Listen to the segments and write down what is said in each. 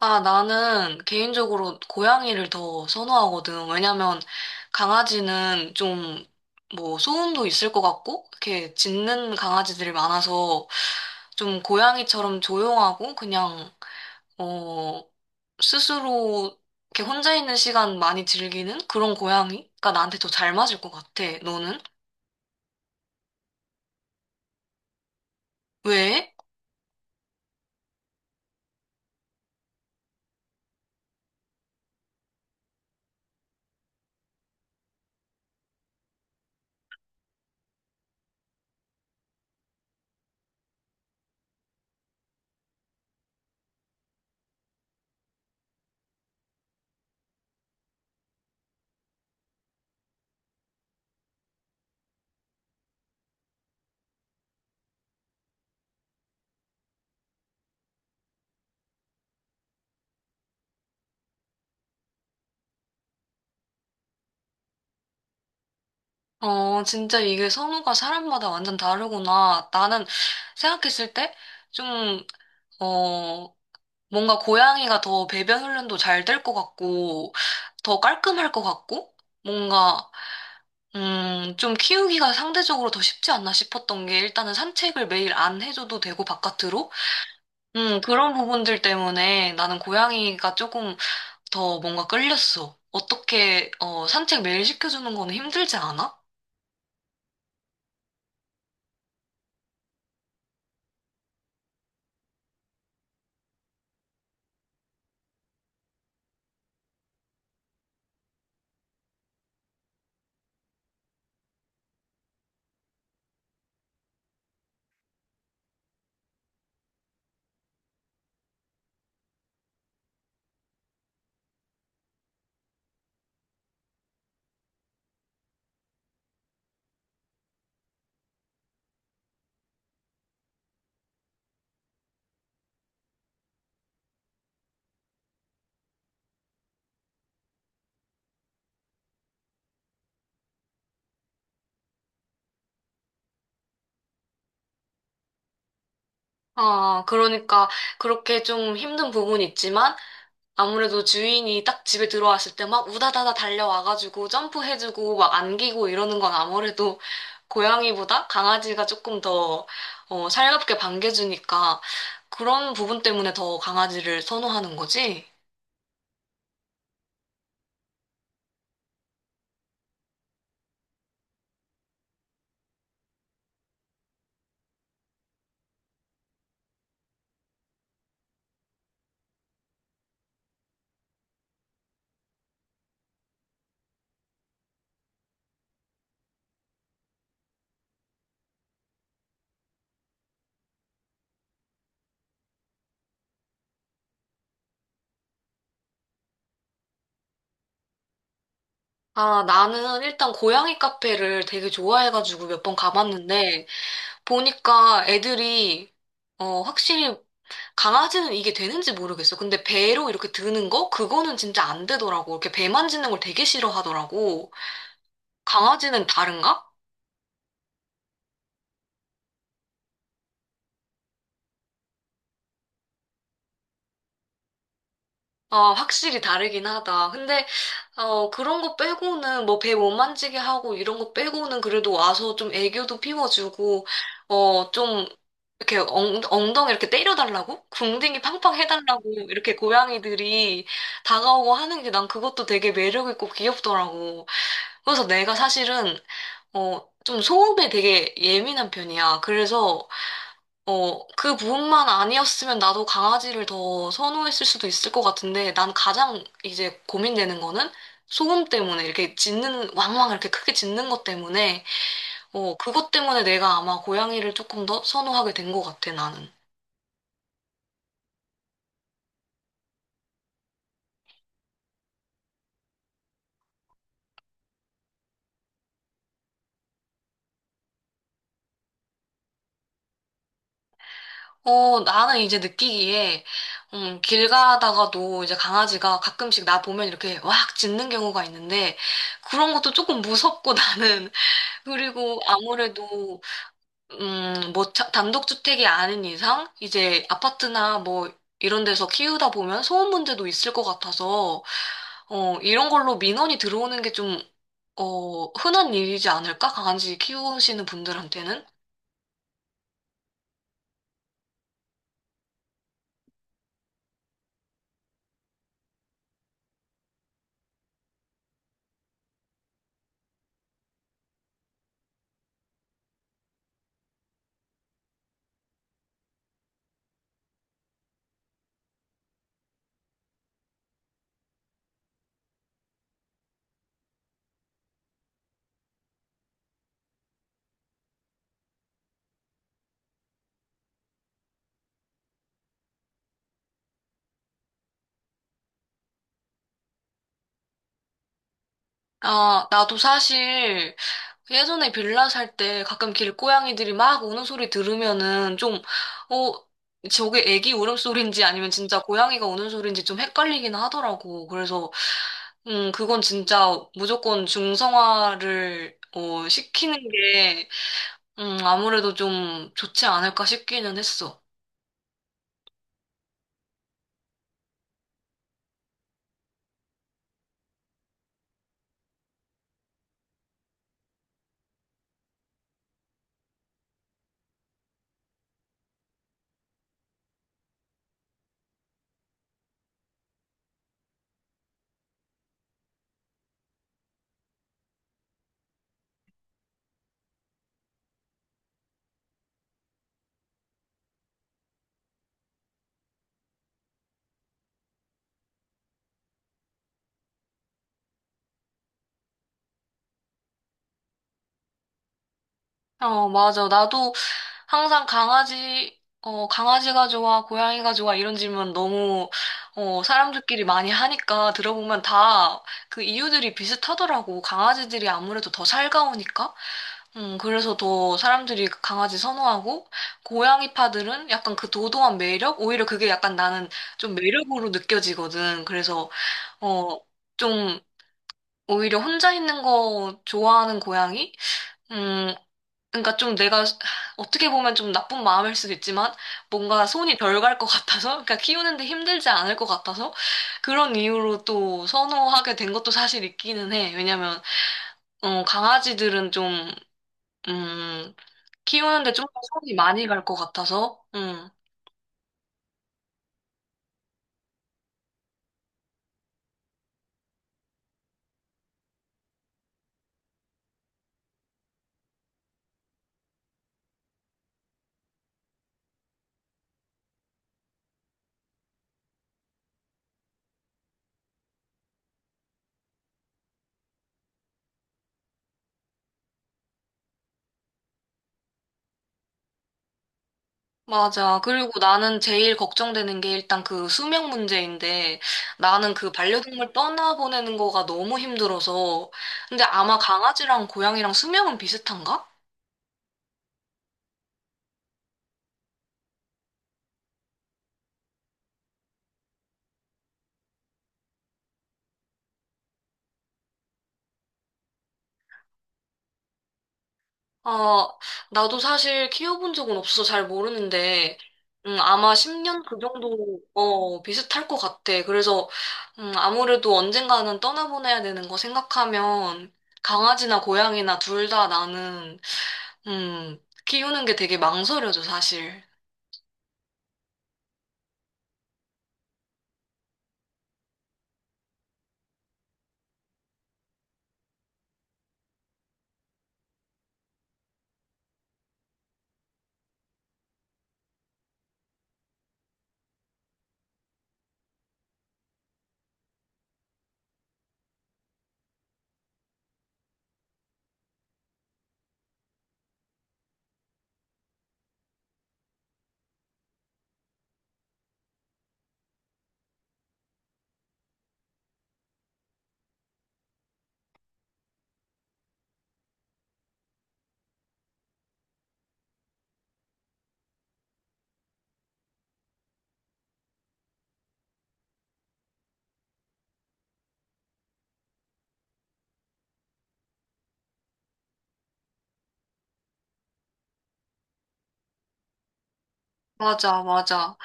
아, 나는 개인적으로 고양이를 더 선호하거든. 왜냐면 강아지는 좀 뭐 소음도 있을 것 같고, 이렇게 짖는 강아지들이 많아서 좀 고양이처럼 조용하고 그냥, 어, 스스로 이렇게 혼자 있는 시간 많이 즐기는 그런 고양이가 나한테 더 잘 맞을 것 같아. 너는? 왜? 진짜 이게 선호가 사람마다 완전 다르구나. 나는 생각했을 때 좀, 어, 뭔가 고양이가 더 배변 훈련도 잘 될 것 같고, 더 깔끔할 것 같고, 뭔가, 좀 키우기가 상대적으로 더 쉽지 않나 싶었던 게 일단은 산책을 매일 안 해줘도 되고, 바깥으로? 그런 부분들 때문에 나는 고양이가 조금 더 뭔가 끌렸어. 어떻게, 산책 매일 시켜주는 건 힘들지 않아? 아, 그러니까 그렇게 좀 힘든 부분이 있지만, 아무래도 주인이 딱 집에 들어왔을 때 막 우다다다 달려와가지고 점프해주고 막 안기고 이러는 건 아무래도 고양이보다 강아지가 조금 더 살갑게 반겨주니까 그런 부분 때문에 더 강아지를 선호하는 거지. 아, 나는 일단 고양이 카페를 되게 좋아해가지고 몇 번 가봤는데 보니까 애들이 확실히 강아지는 이게 되는지 모르겠어. 근데 배로 이렇게 드는 거? 그거는 진짜 안 되더라고. 이렇게 배 만지는 걸 되게 싫어하더라고. 강아지는 다른가? 아, 확실히 다르긴 하다. 근데, 그런 거 빼고는, 뭐, 배 못 만지게 하고, 이런 거 빼고는 그래도 와서 좀 애교도 피워주고, 좀, 이렇게 엉덩이 이렇게 때려달라고? 궁둥이 팡팡 해달라고, 이렇게 고양이들이 다가오고 하는 게 난 그것도 되게 매력있고 귀엽더라고. 그래서 내가 사실은, 좀 소음에 되게 예민한 편이야. 그래서, 그 부분만 아니었으면 나도 강아지를 더 선호했을 수도 있을 것 같은데, 난 가장 이제 고민되는 거는 소음 때문에, 이렇게 짖는, 왕왕 이렇게 크게 짖는 것 때문에, 그것 때문에 내가 아마 고양이를 조금 더 선호하게 된 것 같아, 나는. 어, 나는 이제 느끼기에, 길 가다가도 이제 강아지가 가끔씩 나 보면 이렇게 왁 짖는 경우가 있는데, 그런 것도 조금 무섭고 나는, 그리고 아무래도 뭐, 단독주택이 아닌 이상, 이제 아파트나 뭐, 이런 데서 키우다 보면 소음 문제도 있을 것 같아서, 이런 걸로 민원이 들어오는 게 좀, 흔한 일이지 않을까? 강아지 키우시는 분들한테는? 아, 나도 사실, 그 예전에 빌라 살 때 가끔 길고양이들이 막 우는 소리 들으면은 좀, 어, 저게 애기 울음소리인지 아니면 진짜 고양이가 우는 소리인지 좀 헷갈리긴 하더라고. 그래서, 그건 진짜 무조건 중성화를, 시키는 게, 아무래도 좀 좋지 않을까 싶기는 했어. 어, 맞아. 나도 항상 강아지가 좋아, 고양이가 좋아, 이런 질문 너무, 사람들끼리 많이 하니까 들어보면 다 그 이유들이 비슷하더라고. 강아지들이 아무래도 더 살가우니까. 그래서 더 사람들이 그 강아지 선호하고, 고양이파들은 약간 그 도도한 매력? 오히려 그게 약간 나는 좀 매력으로 느껴지거든. 그래서, 어, 좀, 오히려 혼자 있는 거 좋아하는 고양이? 음, 그러니까 좀 내가 어떻게 보면 좀 나쁜 마음일 수도 있지만 뭔가 손이 덜 갈 것 같아서 그러니까 키우는데 힘들지 않을 것 같아서 그런 이유로 또 선호하게 된 것도 사실 있기는 해. 왜냐면 강아지들은 좀 음, 키우는데 좀 더 손이 많이 갈 것 같아서. 맞아. 그리고 나는 제일 걱정되는 게 일단 그 수명 문제인데 나는 그 반려동물 떠나보내는 거가 너무 힘들어서 근데 아마 강아지랑 고양이랑 수명은 비슷한가? 아, 나도 사실 키워본 적은 없어서 잘 모르는데, 아마 10년 그 정도, 어, 비슷할 것 같아. 그래서, 아무래도 언젠가는 떠나보내야 되는 거 생각하면, 강아지나 고양이나 둘 다 나는, 음, 키우는 게 되게 망설여져, 사실. 맞아, 맞아.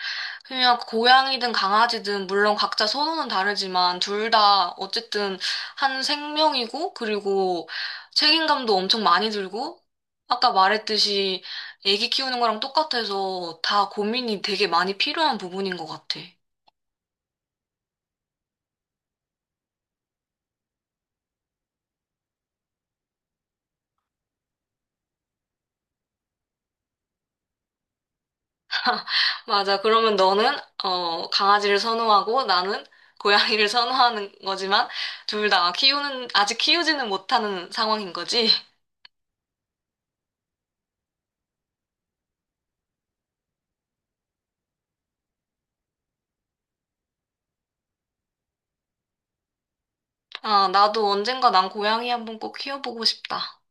그냥 고양이든 강아지든 물론 각자 선호는 다르지만 둘 다 어쨌든 한 생명이고 그리고 책임감도 엄청 많이 들고 아까 말했듯이 애기 키우는 거랑 똑같아서 다 고민이 되게 많이 필요한 부분인 것 같아. 맞아. 그러면 너는 강아지를 선호하고 나는 고양이를 선호하는 거지만 둘 다 키우는 아직 키우지는 못하는 상황인 거지? 아, 나도 언젠가 난 고양이 한번 꼭 키워보고 싶다.